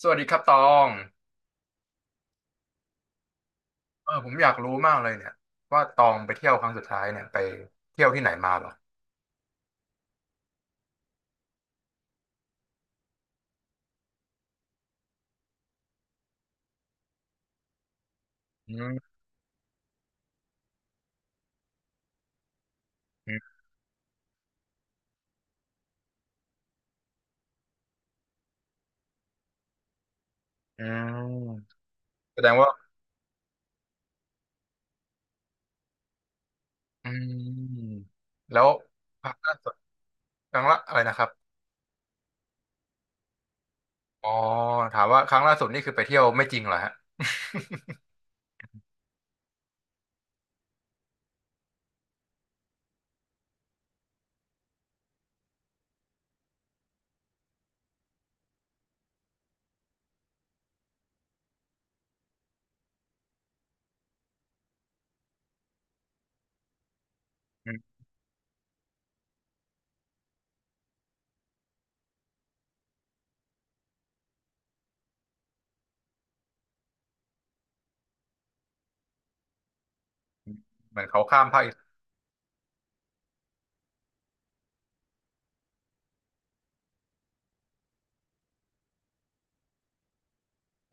สวัสดีครับตองผมอยากรู้มากเลยเนี่ยว่าตองไปเที่ยวครั้งสุดท้ายเนี่ยไปเที่ยวที่ไหนมาเหรออืมอืมอืมแสดงว่าอืมแล้วครั้งล่าสุดครั้งละอะไรนะครับอ๋อถามว่าครั้งล่าสุดนี่คือไปเที่ยวไม่จริงเหรอฮะ อืมเหมือนเขาข้ามภาคอีสาน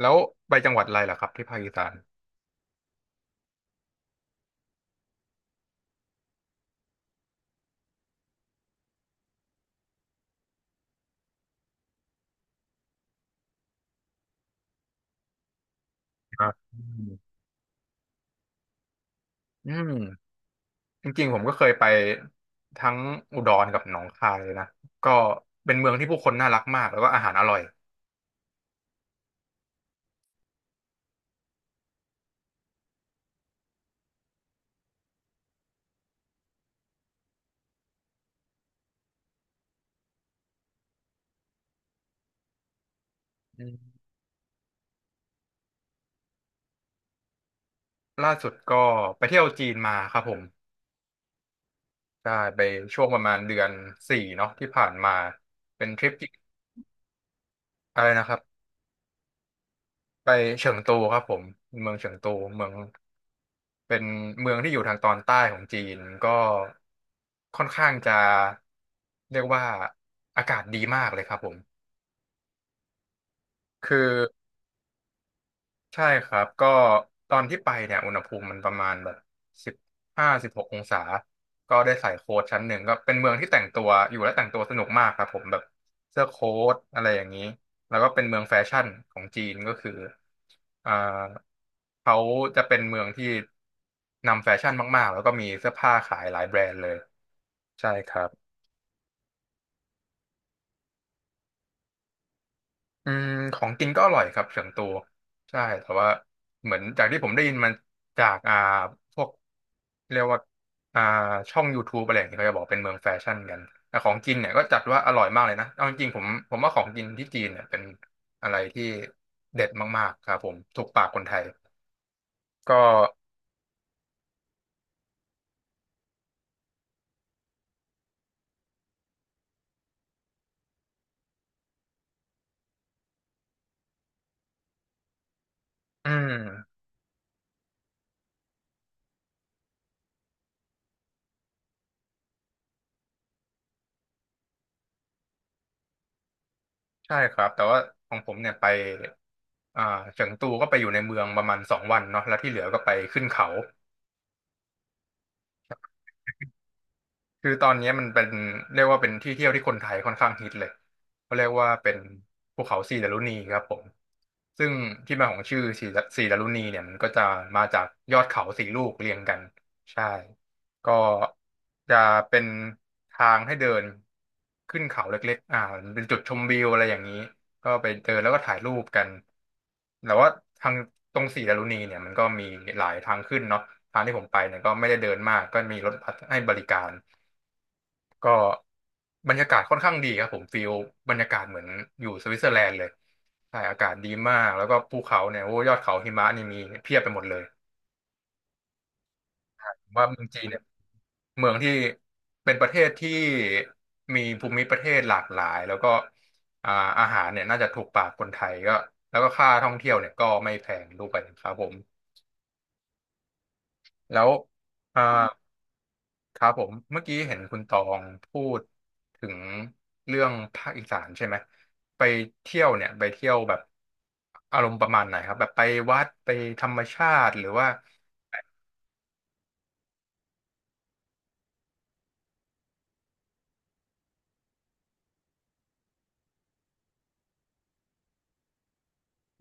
แล้วไปจังหวัดอะไรเหรอครับที่ภาคอีสานอ่าอืมอืมจริงๆผมก็เคยไปทั้งอุดรกับหนองคายเลยนะก็เป็นเมืองที่ผู้คนน่ารักมากแล้วก็อาหารอร่อย ล่าสุดก็ไปเที่ยวจีนมาครับผมใช่ไปช่วงประมาณเดือนสี่เนาะที่ผ่านมา เป็นทริปที่อะไรนะครับไปเฉิงตูครับผม เมืองเฉิงตูเมืองเป็นเมืองที่อยู่ทางตอนใต้ของจีนก็ค่อนข้างจะเรียกว่าอากาศดีมากเลยครับผมคือ ใช่ครับก็ตอนที่ไปเนี่ยอุณหภูมิมันประมาณแบบสิบห้าสิบหกองศาก็ได้ใส่โค้ทชั้นหนึ่งก็เป็นเมืองที่แต่งตัวอยู่และแต่งตัวสนุกมากครับผมแบบเสื้อโค้ทอะไรอย่างนี้แล้วก็เป็นเมืองแฟชั่นของจีนก็คืออ่าเขาจะเป็นเมืองที่นำแฟชั่นมากๆแล้วก็มีเสื้อผ้าขายหลายแบรนด์เลยใช่ครับ อืมของกินก็อร่อยครับเฉิงตูใช่แต่ว่าเหมือนจากที่ผมได้ยินมันจากพวกเรียกว่าอ่าช่อง YouTube อะไรอย่างเงี้ยเขาจะบอกเป็นเมืองแฟชั่นกันแต่ของกินเนี่ยก็จัดว่าอร่อยมากเลยนะเอาจริงๆผมว่าของกินที่จีนเนี่ยเป็นอะไรที่เด็ดมากๆครับผมถูกปากคนไทยก็อืมใช่ครับแต่ว่าของผมเนี่ยไปอ่าเฉิงตูก็ไปอยู่ในเมืองประมาณสองวันเนาะแล้วที่เหลือก็ไปขึ้นเขา คือตอนนี้มันเป็นเรียกว่าเป็นที่เที่ยวที่คนไทยค่อนข้างฮิตเลยเขาเรียกว่าเป็นภูเขาสีดารุณีครับผมซึ่งที่มาของชื่อสีดารุณีเนี่ยมันก็จะมาจากยอดเขาสี่ลูกเรียงกันใช่ก็จะเป็นทางให้เดินขึ้นเขาเล็กๆมันเป็นจุดชมวิวอะไรอย่างนี้ก็ไปเดินแล้วก็ถ่ายรูปกันแต่ว่าทางตรงสีดารุณีเนี่ยมันก็มีหลายทางขึ้นเนาะทางที่ผมไปเนี่ยก็ไม่ได้เดินมากก็มีรถบัสให้บริการ ก็บรรยากาศค่อนข้างดีครับผมฟีลบรรยากาศเหมือนอยู่สวิตเซอร์แลนด์เลยใช่อากาศดีมากแล้วก็ภูเขาเนี่ยโอ้ยอดเขาหิมะนี่มีเพียบไปหมดเลยว่าเมืองจีนเนี่ยเมืองที่เป็นประเทศที่มีภูมิประเทศหลากหลายแล้วก็อ่าอาหารเนี่ยน่าจะถูกปากคนไทยก็แล้วก็ค่าท่องเที่ยวเนี่ยก็ไม่แพงด้วยครับผมแล้วอ่า ครับผมเมื่อกี้เห็นคุณตองพูดถึงเรื่องภาคอีสานใช่ไหมไปเที่ยวเนี่ยไปเที่ยวแบบอารมณ์ประมาณไหนครับแบบไปวัดไปธรรมชาติหรือว่า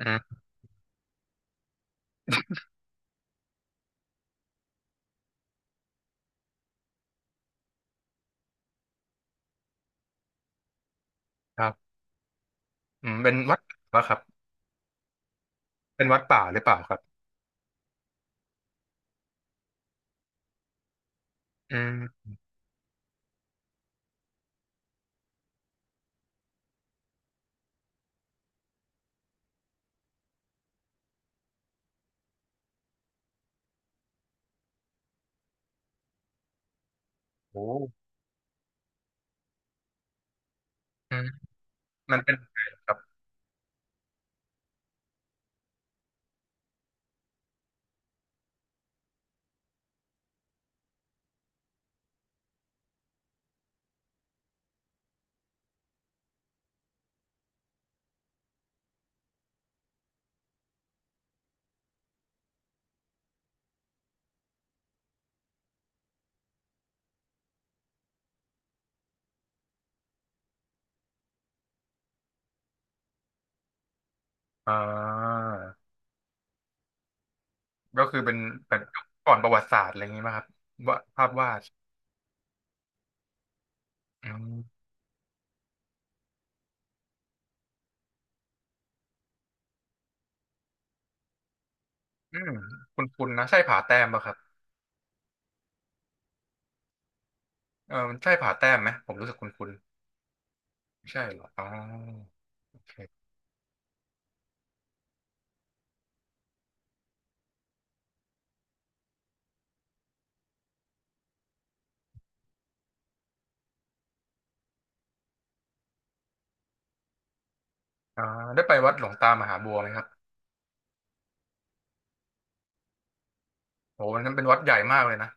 อืมครับอืมเป็นวัดป่าครับเป็นวัดป่าหรือเปล่าครับอืมโอ้อืมมันเป็นยังไงครับอ่าก็คือเป็นแบบก่อนประวัติศาสตร์อะไรอย่างนี้ไหมครับวาดภาพวาดอืมอืมคุณนะใช่ผาแต้มป่ะครับเออมันใช่ผาแต้มไหมผมรู้สึกคุณ ใช่เหรอโอเคอ่าได้ไปวัดหลวงตามหาบัวไหมครับโหวันนั้นเป็นวัดใหญ่มากเลยนะ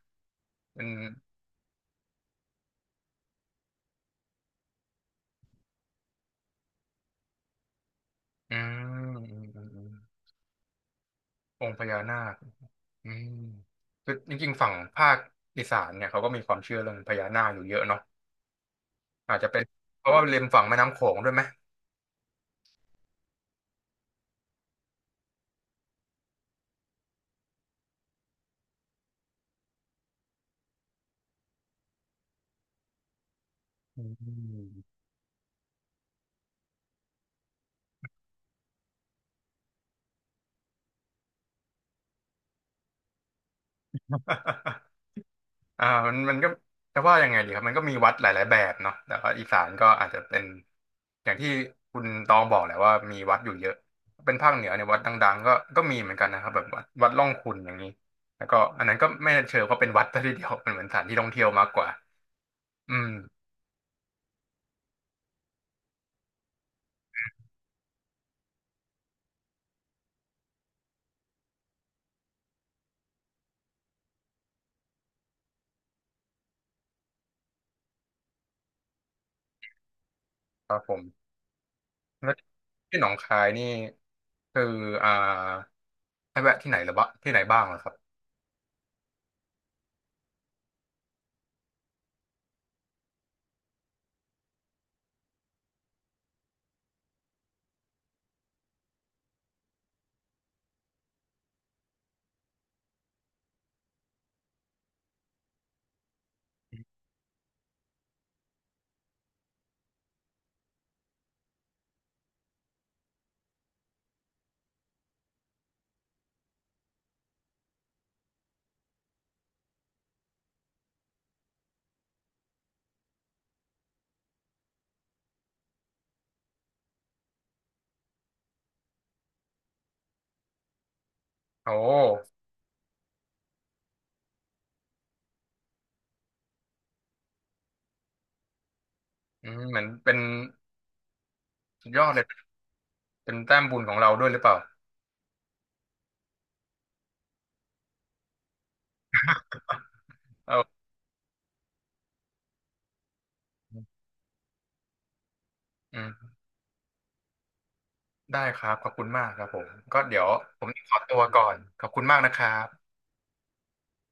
เป็นอืมอืมอืมอมองค์พญานาคอืมคือจริงๆฝั่งภาคอีสานเนี่ยเขาก็มีความเชื่อเรื่องพญานาคอยู่เยอะเนาะอาจจะเป็นเพราะว่าริมฝั่งแม่น้ำโขงด้วยไหมอืม มันก็จะว่ายังไงดีครับมันก็มีวัดหลายๆแบบเนาะแต่ว่าอีสานก็อาจจะเป็นอย่างที่คุณตองบอกแหละว่ามีวัดอยู่เยอะเป็นภาคเหนือเนี่ยวัดดังๆก็ก็มีเหมือนกันนะครับแบบวัดร่องขุ่นอย่างนี้แล้วก็อันนั้นก็ไม่เชิงว่าเป็นวัดซะทีเดียวมันเหมือนสถานที่ท่องเที่ยวมากกว่าอืมครับผมแล้วที่หนองคายนี่คืออ่าให้แวะที่ไหนหรือบ้างที่ไหนบ้างเหรอครับโอ้อืมเหมือนเป็นสุดยอดเลยเป็นแต้มบุญของเราด้วยหรือเปล่าเอออืม ได้ครับ ขอบคุณมากครับผม ก็เดี๋ยวผมขอตัวก่อน ขอบคุณมากนะครับ